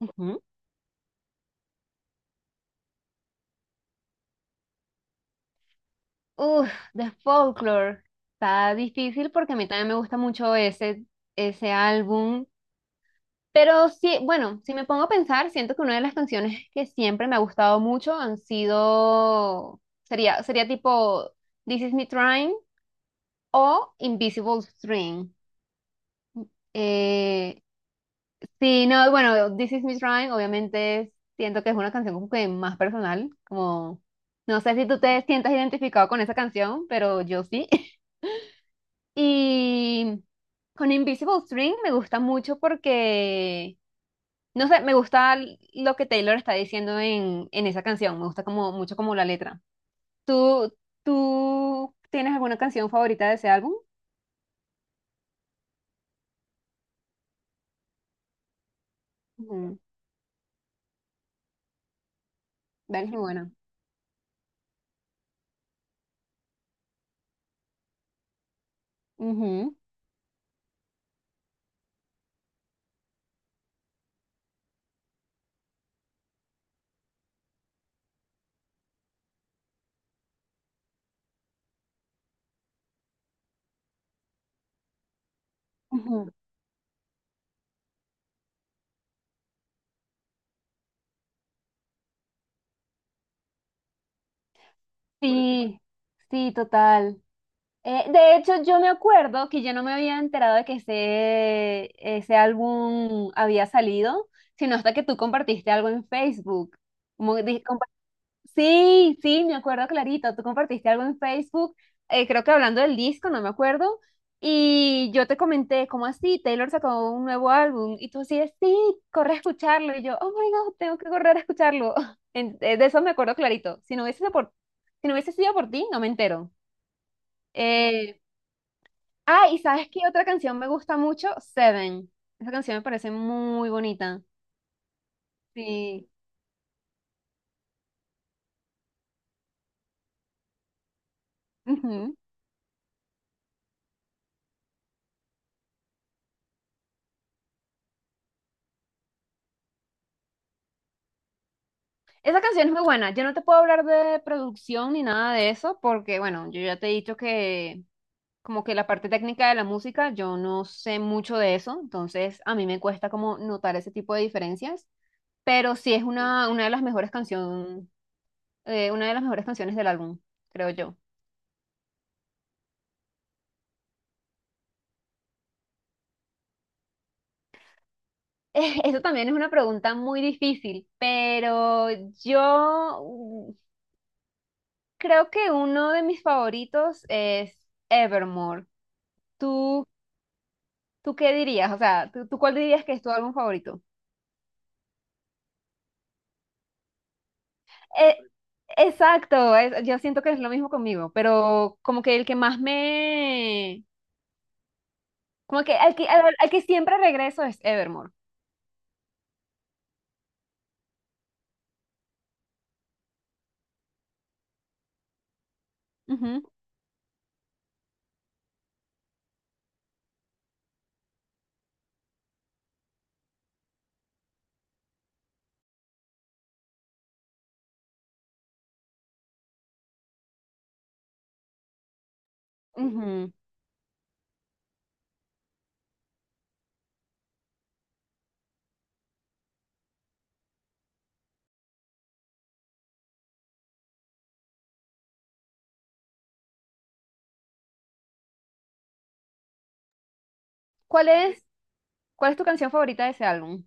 Ujú. Uf, de Folklore. Está difícil porque a mí también me gusta mucho ese álbum. Pero sí, bueno, si me pongo a pensar, siento que una de las canciones que siempre me ha gustado mucho sería tipo This Is Me Trying o Invisible String. Eh, sí, no, bueno, This Is Me Trying, obviamente siento que es una canción como que más personal. No sé si tú te sientas identificado con esa canción, pero yo sí. Y con Invisible String me gusta mucho porque, no sé, me gusta lo que Taylor está diciendo en esa canción, me gusta como, mucho como la letra. ¿Tú, Tú tienes alguna canción favorita de ese álbum? Ujú. Dale, es muy buena. Ujú, ujú. Sí, sí, total. De hecho, yo me acuerdo que yo no me había enterado de que ese álbum había salido, sino hasta que tú compartiste algo en Facebook. Como, sí, sí, me acuerdo clarito. Tú compartiste algo en Facebook, creo que hablando del disco, no me acuerdo. Y yo te comenté, ¿cómo así? Taylor sacó un nuevo álbum. Y tú así, sí, corre a escucharlo. Y yo, oh my God, tengo que correr a escucharlo. De eso me acuerdo clarito. Si no hubiese sido por ti, no me entero. Eh, y ¿sabes qué otra canción me gusta mucho? Seven. Esa canción me parece muy bonita. Sí. Esa canción es muy buena. Yo no te puedo hablar de producción ni nada de eso porque, bueno, yo ya te he dicho que como que la parte técnica de la música, yo no sé mucho de eso, entonces a mí me cuesta como notar ese tipo de diferencias, pero sí es una de las mejores canciones, una de las mejores canciones del álbum, creo yo. Eso también es una pregunta muy difícil, pero yo creo que uno de mis favoritos es Evermore. ¿Tú ¿Tú qué dirías? O sea, ¿ tú cuál dirías que es tu álbum favorito? Eh, exacto, yo siento que es lo mismo conmigo, pero como que el que más me... Como que al que siempre regreso es Evermore. Ujú, ujú. ¿Cuál es, Cuál es tu canción favorita de ese álbum?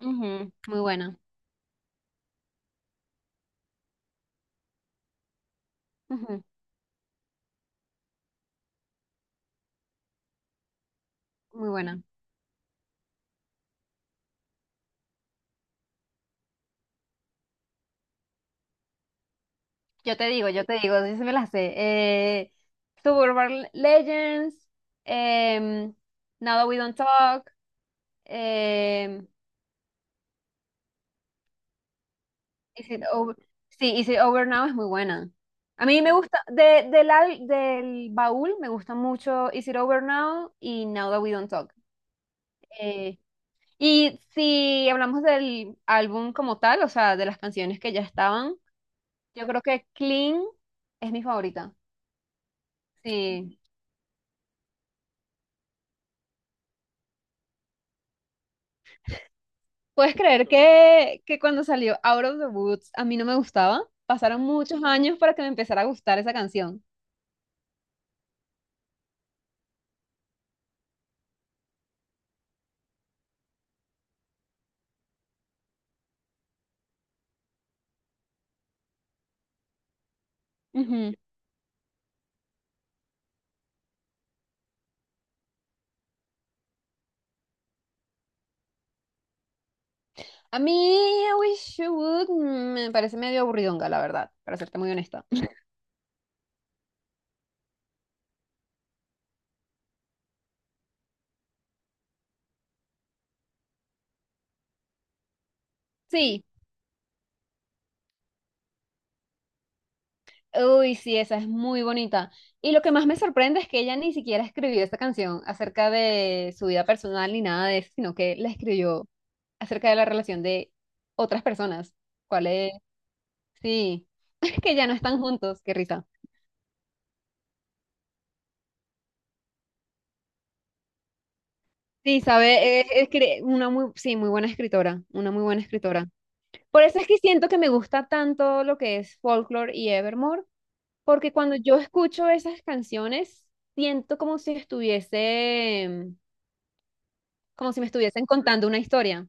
Ujú, muy buena, ujú, muy buena. Yo te digo, yo te digo, yo sí me la sé. Suburban Legends, em, Now That We Don't Talk, Is It Over- sí, Is It Over Now es muy buena. A mí me gusta, del baúl me gusta mucho Is It Over Now y Now That We Don't Talk. Eh, y si hablamos del álbum como tal, o sea, de las canciones que ya estaban, yo creo que Clean es mi favorita. Sí. ¿Puedes creer que cuando salió Out of the Woods a mí no me gustaba? Pasaron muchos años para que me empezara a gustar esa canción. Ujú. A mí, I Wish You Would me parece medio aburridonga, la verdad, para serte muy honesta. Sí, uy, sí, esa es muy bonita. Y lo que más me sorprende es que ella ni siquiera escribió esta canción acerca de su vida personal ni nada de eso, sino que la escribió acerca de la relación de otras personas. ¿Cuál es? Sí, que ya no están juntos, qué risa. Sí, sabe, una muy, sí, muy buena escritora, una muy buena escritora. Por eso es que siento que me gusta tanto lo que es Folklore y Evermore. Porque cuando yo escucho esas canciones, siento como si estuviese, como si me estuviesen contando una historia,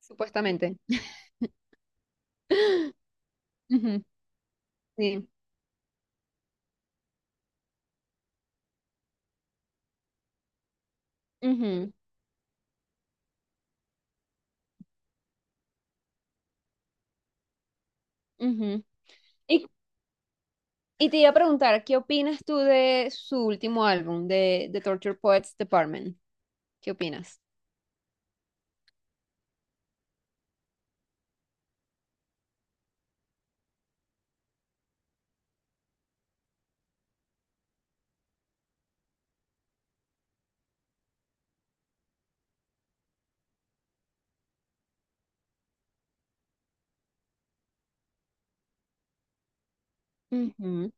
supuestamente. Ujú. Sí. Ujú, ujú. Y, y te iba a preguntar, ¿qué opinas tú de su último álbum, de The Torture Poets Department? ¿Qué opinas? Ujú.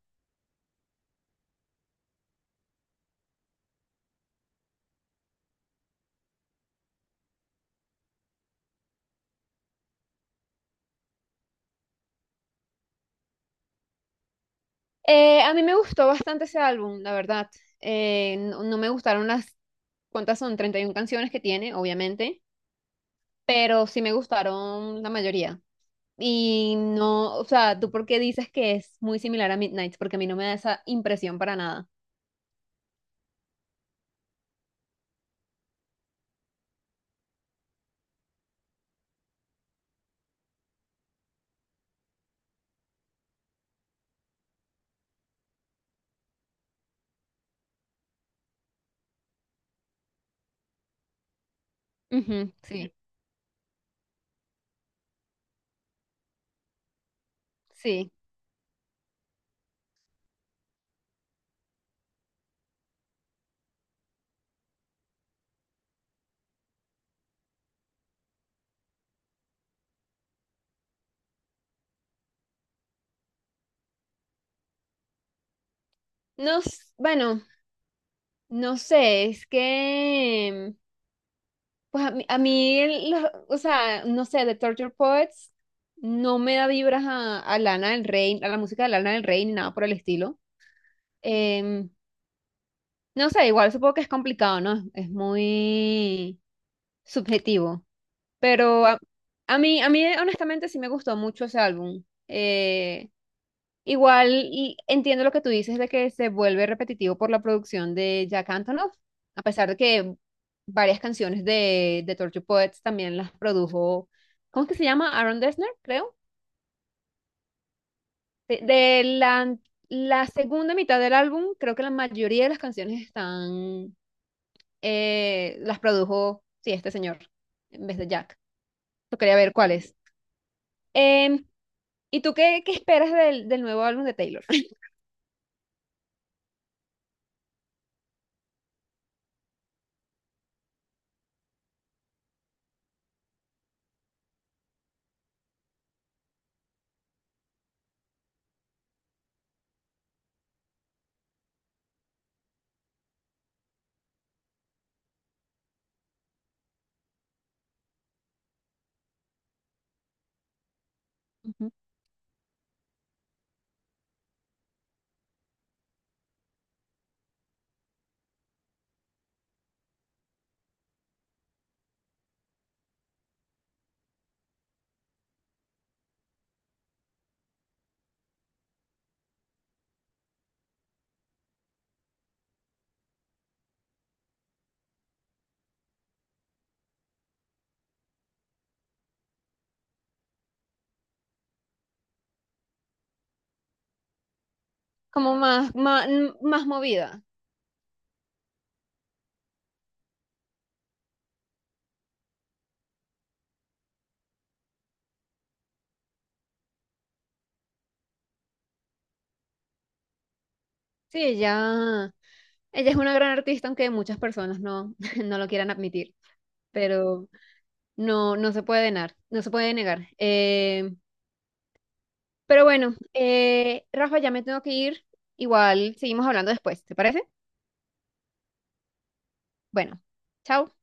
A mí me gustó bastante ese álbum, la verdad. No me gustaron las. ¿Cuántas son? 31 canciones que tiene, obviamente, pero sí me gustaron la mayoría. Y no, o sea, ¿tú por qué dices que es muy similar a Midnight? Porque a mí no me da esa impresión para nada. Ujú, sí, sí. Bueno, no sé, es que, pues a mí, o sea, no sé, The Torture Poets no me da vibras a Lana del Rey, a la música de Lana del Rey, ni nada por el estilo. Em, no sé, igual supongo que es complicado, ¿no? Es muy subjetivo. Pero a, a mí, a mí honestamente sí me gustó mucho ese álbum. Igual y entiendo lo que tú dices de que se vuelve repetitivo por la producción de Jack Antonoff, a pesar de que varias canciones de Torture Poets también las produjo, ¿cómo es que se llama? Aaron Dessner, creo. De la segunda mitad del álbum, creo que la mayoría de las canciones están, las produjo, sí, este señor, en vez de Jack. Yo quería ver cuáles. Em, ¿Y tú qué, qué esperas del nuevo álbum de Taylor? Ujú. Como más, más, más movida. Sí, ella es una gran artista, aunque muchas personas no, no lo quieran admitir, pero no, no se puede negar, no se puede negar. Pero bueno, Rafa, ya me tengo que ir. Igual seguimos hablando después, ¿te parece? Bueno, chao.